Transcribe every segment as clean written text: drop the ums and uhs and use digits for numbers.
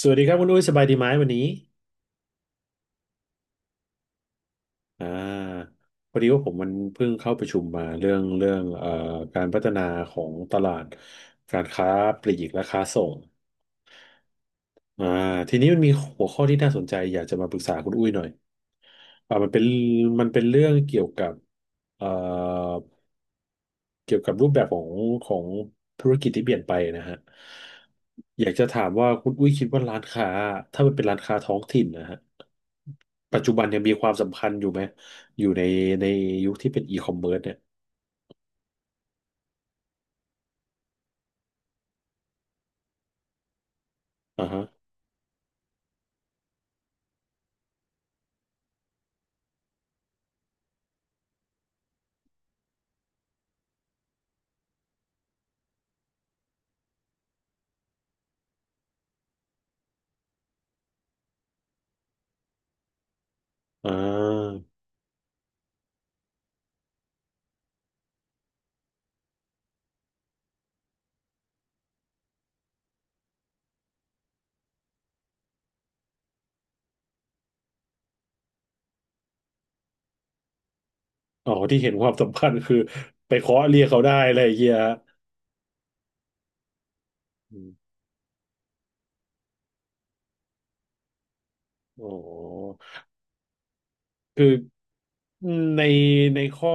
สวัสดีครับคุณอุ้ยสบายดีไหมวันนี้อ่าพอดีว่าผมมันเพิ่งเข้าประชุมมาเรื่องการพัฒนาของตลาดการค้าปลีกและค้าส่งอ่าทีนี้มันมีหัวข้อที่น่าสนใจอยากจะมาปรึกษาคุณอุ้ยหน่อยอ่ามันเป็นมันเป็นเรื่องเกี่ยวกับเอ่อ เกี่ยวกับรูปแบบของธุรกิจที่เปลี่ยนไปนะฮะอยากจะถามว่าคุณอุ้ยคิดว่าร้านค้าถ้ามันเป็นร้านค้าท้องถิ่นนะฮะปัจจุบันยังมีความสำคัญอยู่ไหมอยู่ในยุคที่เป็นอีคอมเมิร์ซเนี่ยอ่าฮะอ่าอ๋อที่เห็นความสำคัญคือไปเคาะเรียกเขาได้อะไรอย่างเงี้ยฮะอมอ๋อ คือในในข้อ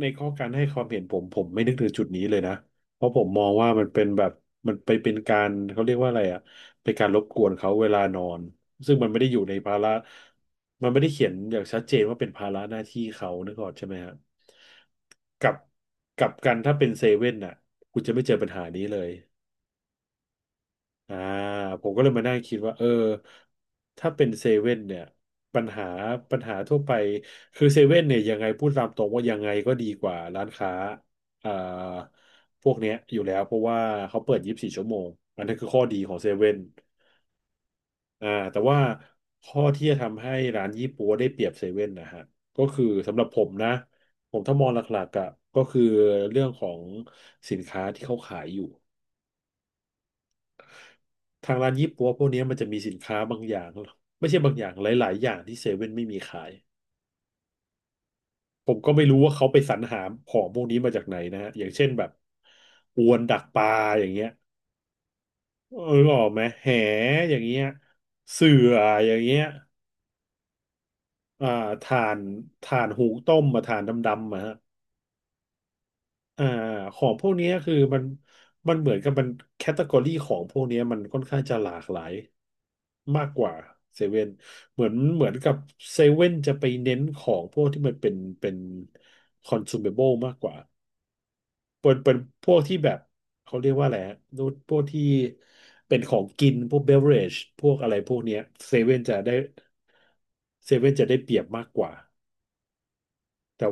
ในข้อการให้ความเห็นผมไม่นึกถึงจุดนี้เลยนะเพราะผมมองว่ามันเป็นแบบมันไปเป็นการเขาเรียกว่าอะไรอ่ะเป็นการรบกวนเขาเวลานอนซึ่งมันไม่ได้อยู่ในภาระมันไม่ได้เขียนอย่างชัดเจนว่าเป็นภาระหน้าที่เขานึกออกใช่ไหมฮะกับกับกันถ้าเป็นเซเว่นน่ะคุณจะไม่เจอปัญหานี้เลย อ่าผมก็เลยมานั่งคิดว่าเออถ้าเป็นเซเว่นเนี่ยปัญหาปัญหาทั่วไปคือเซเว่นเนี่ยยังไงพูดตามตรงว่ายังไงก็ดีกว่าร้านค้าอ่าพวกเนี้ยอยู่แล้วเพราะว่าเขาเปิดยี่สิบสี่ชั่วโมงอันนั้นคือข้อดีของเซเว่นอ่าแต่ว่าข้อที่จะทำให้ร้านยี่ปั๊วได้เปรียบเซเว่นนะฮะก็คือสำหรับผมนะผมถ้ามองหลักๆอ่ะก็คือเรื่องของสินค้าที่เขาขายอยู่ ทางร้านยี่ปั๊วพวกเนี้ยมันจะมีสินค้าบางอย่างไม่ใช่บางอย่างหลายๆอย่างที่เซเว่นไม่มีขายผมก็ไม่รู้ว่าเขาไปสรรหาของพวกนี้มาจากไหนนะฮะอย่างเช่นแบบอวนดักปลาอย่างเงี้ยเออออกไหมแหอย่างเงี้ยเสื่ออย่างเงี้ยอ่าถ่านถ่านหุงต้มมาถ่านดำๆมาฮะ อ่าของพวกเนี้ยคือมันเหมือนกับมันแคตตากรีของพวกเนี้ยมันค่อนข้างจะหลากหลายมากกว่าเซเว่นเหมือนกับเซเว่นจะไปเน้นของพวกที่มันเป็นคอน sumable มากกว่าเป็นพวกที่แบบเขาเรียกว่าอะไรฮะพวกที่เป็นของกินพวกเบเวอเรจพวกอะไรพวกเนี้ยเซเว่นจะได้เซเว่นจะได้เปรียบมากกว่าแต่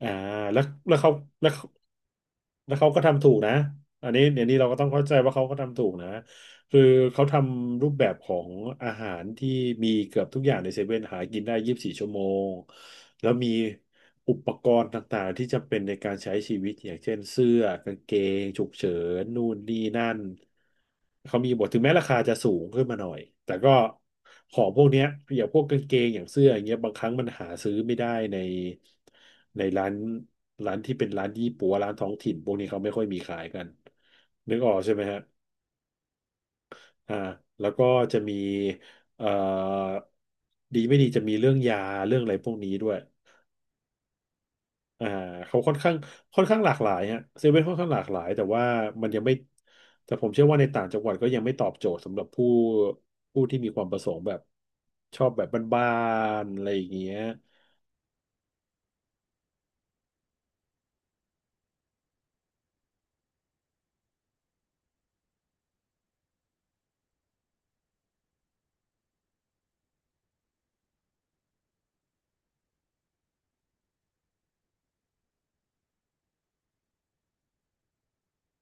อ่าแล้วแล้วเขาแล้ว แล้วเขาก็ทำถูกนะ อันนี้เดี๋ยวนี้เราก็ต้องเข้าใจว่าเขาก็ทำถูกนะ คือเขาทำรูปแบบของอาหารที่มีเกือบทุกอย่างในเซเว่นหากินได้ยี่สิบสี่ชั่วโมง แล้วมีอุปกรณ์ต่างๆที่จำเป็นในการใช้ชีวิตอย่างเช่นเสื้อกางเกงฉุกเฉินนู่นนี่นั่น เขามีบทถึงแม้ราคาจะสูงขึ้นมาหน่อยแต่ก็ของพวกเนี้ยอย่างพวกกางเกงอย่างเสื้ออย่างเงี้ยบางครั้งมันหาซื้อไม่ได้ในในร้านที่เป็นร้านยี่ปัวร้านท้องถิ่นพวกนี้เขาไม่ค่อยมีขายกันนึกออกใช่ไหมฮะอ่าแล้วก็จะมีเอ่อดีไม่ดีจะมีเรื่องยาเรื่องอะไรพวกนี้ด้วย อ่าเขาค่อนข้างหลากหลายฮะเซเว่นค่อนข้างหลากหลายแต่ว่ามันยังไม่แต่ผมเชื่อว่าในต่างจังหวัดก็ยังไม่ตอบโจทย์สำหรับผู้ที่มีความประสงค์แบบชอบแบบบ้านๆอะไรอย่างเงี้ย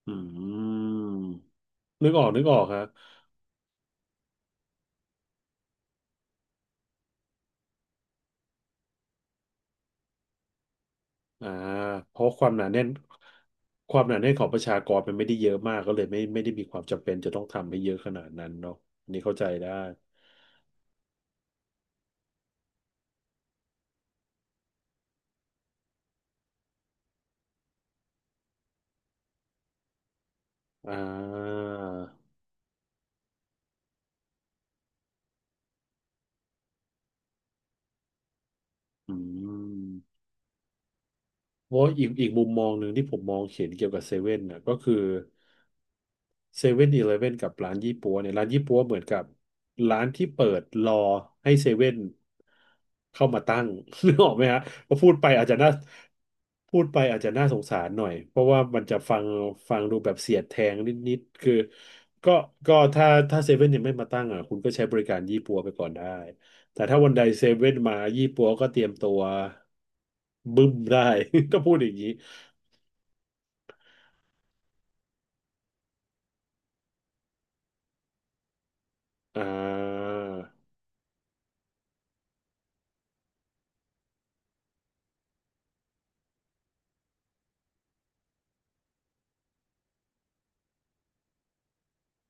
อืมนึกออกฮะอ่าเพราะความหนาแน่นความหนาแน่นของประชากรมันไม่ได้เยอะมากก็เลยไม่ได้มีความจำเป็นจะต้องทำให้เยอะขนาดนั้นเนาะอันนี่เข้าใจได้อ่าอืม เพราะอีกมุมมองหนึ่งที่ผมมองเห็นเกี่ยวกับเซเว่นน่ะก็คือเซเว่นอีเลฟเว่นกับร้านยี่ปั๊วเนี่ยร้านยี่ปั๊วเหมือนกับร้านที่เปิดรอให้เซเว่นเข้ามาตั้ง นึกออกไหมฮะพอพูดไปอาจจะน่าพูดไปอาจจะน่าสงสารหน่อยเพราะว่ามันจะฟังดูแบบเสียดแทงนิดๆคือก็ก็ถ้าเซเว่นยังไม่มาตั้งอ่ะคุณก็ใช้บริการยี่ปั๊วไปก่อนได้แต่ถ้าวันใดเซเว่นมายี่ปั๊วก็เตรียมตัวบึ้มได้ ก็พูดอย่างนี้ อ่า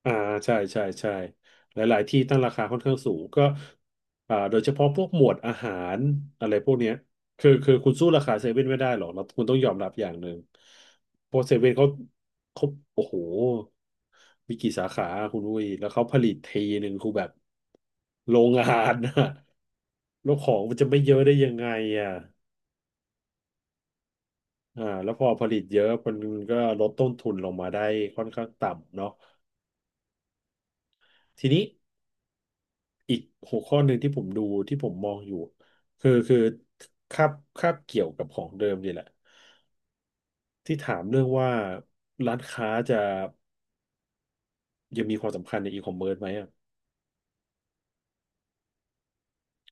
อ่าใช่ใช่ใช่หลายๆที่ตั้งราคาค่อนข้างสูงก็โดยเฉพาะพวกหมวดอาหารอะไรพวกเนี้ยคือคุณสู้ราคาเซเว่นไม่ได้หรอกเราคุณต้องยอมรับอย่างหนึ่งเพราะเซเว่นเขาเขาโอ้โหมีกี่สาขาคุณอุ้ยแล้วเขาผลิตทีหนึ่งคือแบบโรงงานนะ แล้วของมันจะไม่เยอะได้ยังไงอ่ะแล้วพอผลิตเยอะมันก็ลดต้นทุนลงมาได้ค่อนข้างต่ำเนาะทีนี้ อีกหัวข้อหนึ่งที่ผมดูที่ผมมองอยู่คือคาบคาบเกี่ยวกับของเดิมนี่แหละที่ถามเรื่องว่าร้านค้าจะยังมีความสำคัญในอีคอมเมิร์ซไหมอะ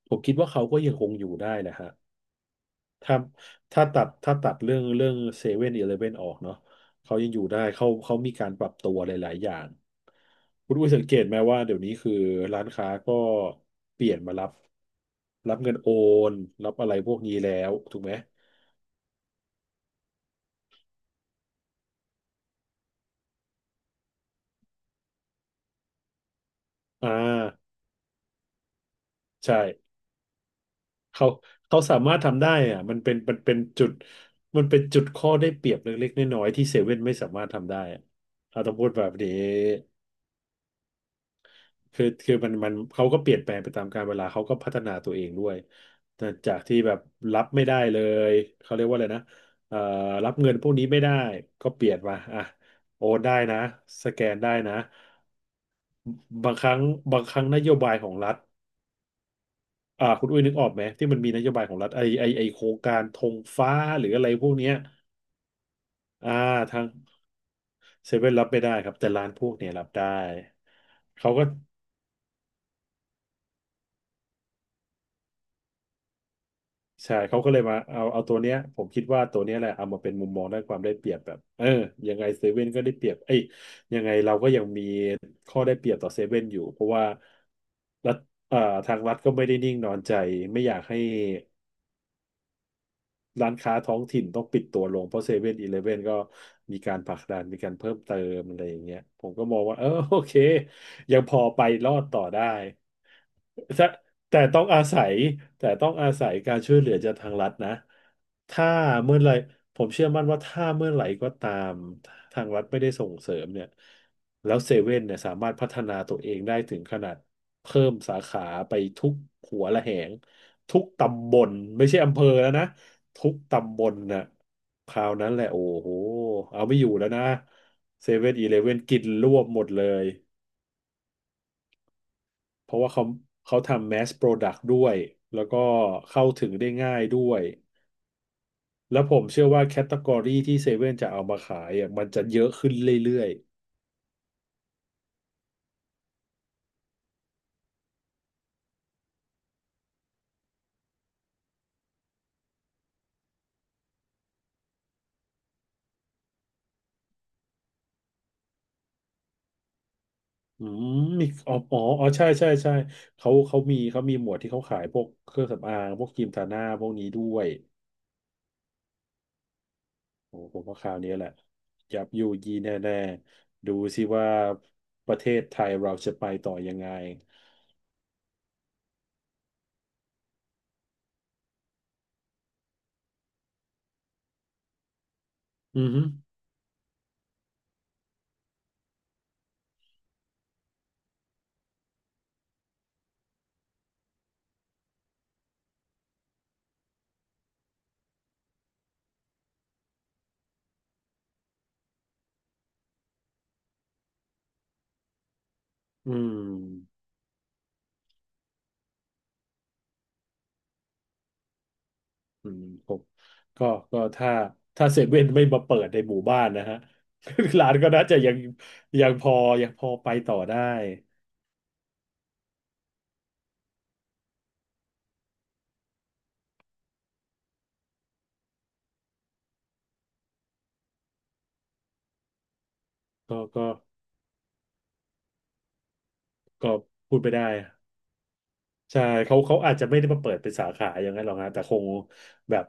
ผมคิดว่าเขาก็ยังคงอยู่ได้แหละฮะถ้าถ้าตัดเรื่องเซเว่นอีเลฟเว่นออกเนาะเขายังอยู่ได้เขามีการปรับตัวหลายๆอย่างคุณอุ้ยสังเกตไหมว่าเดี๋ยวนี้คือร้านค้าก็เปลี่ยนมารับเงินโอนรับอะไรพวกนี้แล้วถูกไหมอ่า ใช่เขาสามารถทำได้อะมันเป็นจุดข้อได้เปรียบเล็กๆน้อยๆที่เซเว่นไม่สามารถทำได้อะเราต้องพูดแบบนี้คือมันเขาก็เปลี่ยนแปลงไปตามกาลเวลาเขาก็พัฒนาตัวเองด้วยแต่จากที่แบบรับไม่ได้เลยเขาเรียกว่าอะไรนะเอ่อรับเงินพวกนี้ไม่ได้ก็เปลี่ยนมาอ่ะโอนได้นะสแกนได้นะบางครั้งบางครั้งนโยบายของรัฐ คุณอุ้ยนึกออกไหมที่มันมีนโยบายของรัฐไอโครงการธงฟ้าหรืออะไรพวกเนี้ยอ่าทางเซเว่นรับไม่ได้ครับแต่ร้านพวกเนี้ยรับได้เขาก็ใช่เขาก็เลยมาเอาตัวเนี้ยผมคิดว่าตัวเนี้ยแหละเอามาเป็นมุมมองด้านความได้เปรียบแบบเออยังไงเซเว่นก็ได้เปรียบเอ้ยยังไงเราก็ยังมีข้อได้เปรียบต่อเซเว่นอยู่เพราะว่ารัฐอ่าทางรัฐก็ไม่ได้นิ่งนอนใจไม่อยากให้ ร้านค้าท้องถิ่นต้องปิดตัวลงเพราะเซเว่นอีเลฟเว่นก็มีการผลักดันมีการเพิ่มเติมอะไรอย่างเงี้ยผมก็มองว่าเออ โอเคยังพอไปรอดต่อได้แต่แต่ต้องอาศัยแต่ต้องอาศัยการช่วยเหลือจากทางรัฐนะถ้าเมื่อไหร่ผมเชื่อมั่นว่าถ้าเมื่อไหร่ก็ตามทางรัฐไม่ได้ส่งเสริมเนี่ยแล้วเซเว่นเนี่ยสามารถพัฒนาตัวเองได้ถึงขนาดเพิ่มสาขาไปทุกหัวระแหงทุกตำบลไม่ใช่อำเภอแล้วนะ ทุกตำบลน่ะคราวนั้นแหละโอ้โหเอาไม่อยู่แล้วนะเซเว่นอีเลเว่นกินรวบหมดเลยเพราะว่าเขาทำแมสโปรดักต์ด้วยแล้วก็เข้าถึงได้ง่ายด้วยแล้วผมเชื่อว่าแคตตากรีที่เซเว่นจะเอามาขายอ่ะมันจะเยอะขึ้นเรื่อยๆอืมมีอ๋ออ๋ออ๋อใช่ใช่ใช่เขาเขามีหมวดที่เขาขายพวกเครื่องสำอางพวกครีมทาหน้าพวกนี้ด้วย โอ้ผมว่าคราวนี้แหละยับยูยีแน่ๆดูสิว่าประเทศไทยเราจะไปต่อยังไงอือฮึอืมอืมผมก็ก็ถ้าถ้าเซเว่นไม่มาเปิดในหมู่บ้านนะฮะ ร้านก็น่าจะยังยังพอยังพอไปต่อได้ก็ก็ก็พูดไปได้ใช่เขาอาจจะไม่ได้มาเปิดเป็นสาขาอย่างนั้นหรอกฮะแต่คงแบบ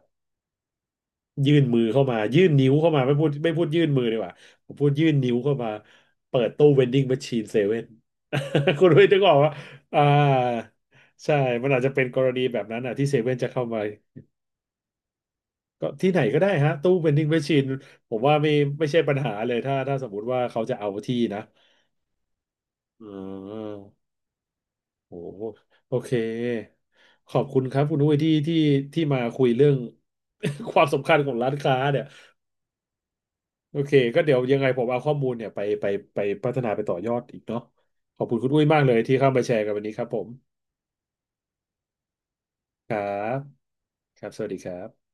ยื่นมือเข้ามายื่นนิ้วเข้ามาไม่พูดไม่พูดยื่นมือดีกว่าผมพูดยื่นนิ้วเข้ามาเปิดตู้เวนดิ้งแมชชีนเซเว่น คุณไม่นึกออกว่าอ่าใช่มันอาจจะเป็นกรณีแบบนั้นอ่ะที่เซเว่นจะเข้ามาก็ที่ไหนก็ได้ฮะตู้เวนดิ้งแมชชีนผมว่าไม่ไม่ใช่ปัญหาเลยถ้าถ้าสมมติว่าเขาจะเอาที่นะอ่าโอ้โหโอเคขอบคุณครับคุณอุ้ยที่ที่ที่มาคุยเรื่อง ความสำคัญของร้านค้าเนี่ย โอเคก็เดี๋ยวยังไงผมเอาข้อมูลเนี่ยไปไปพัฒนาไปต่อยอดอีกเนาะขอบคุณคุณอุ้ยมากเลยที่เข้ามาแชร์กันวันนี้ครับผมครับครับสวัสดีครับ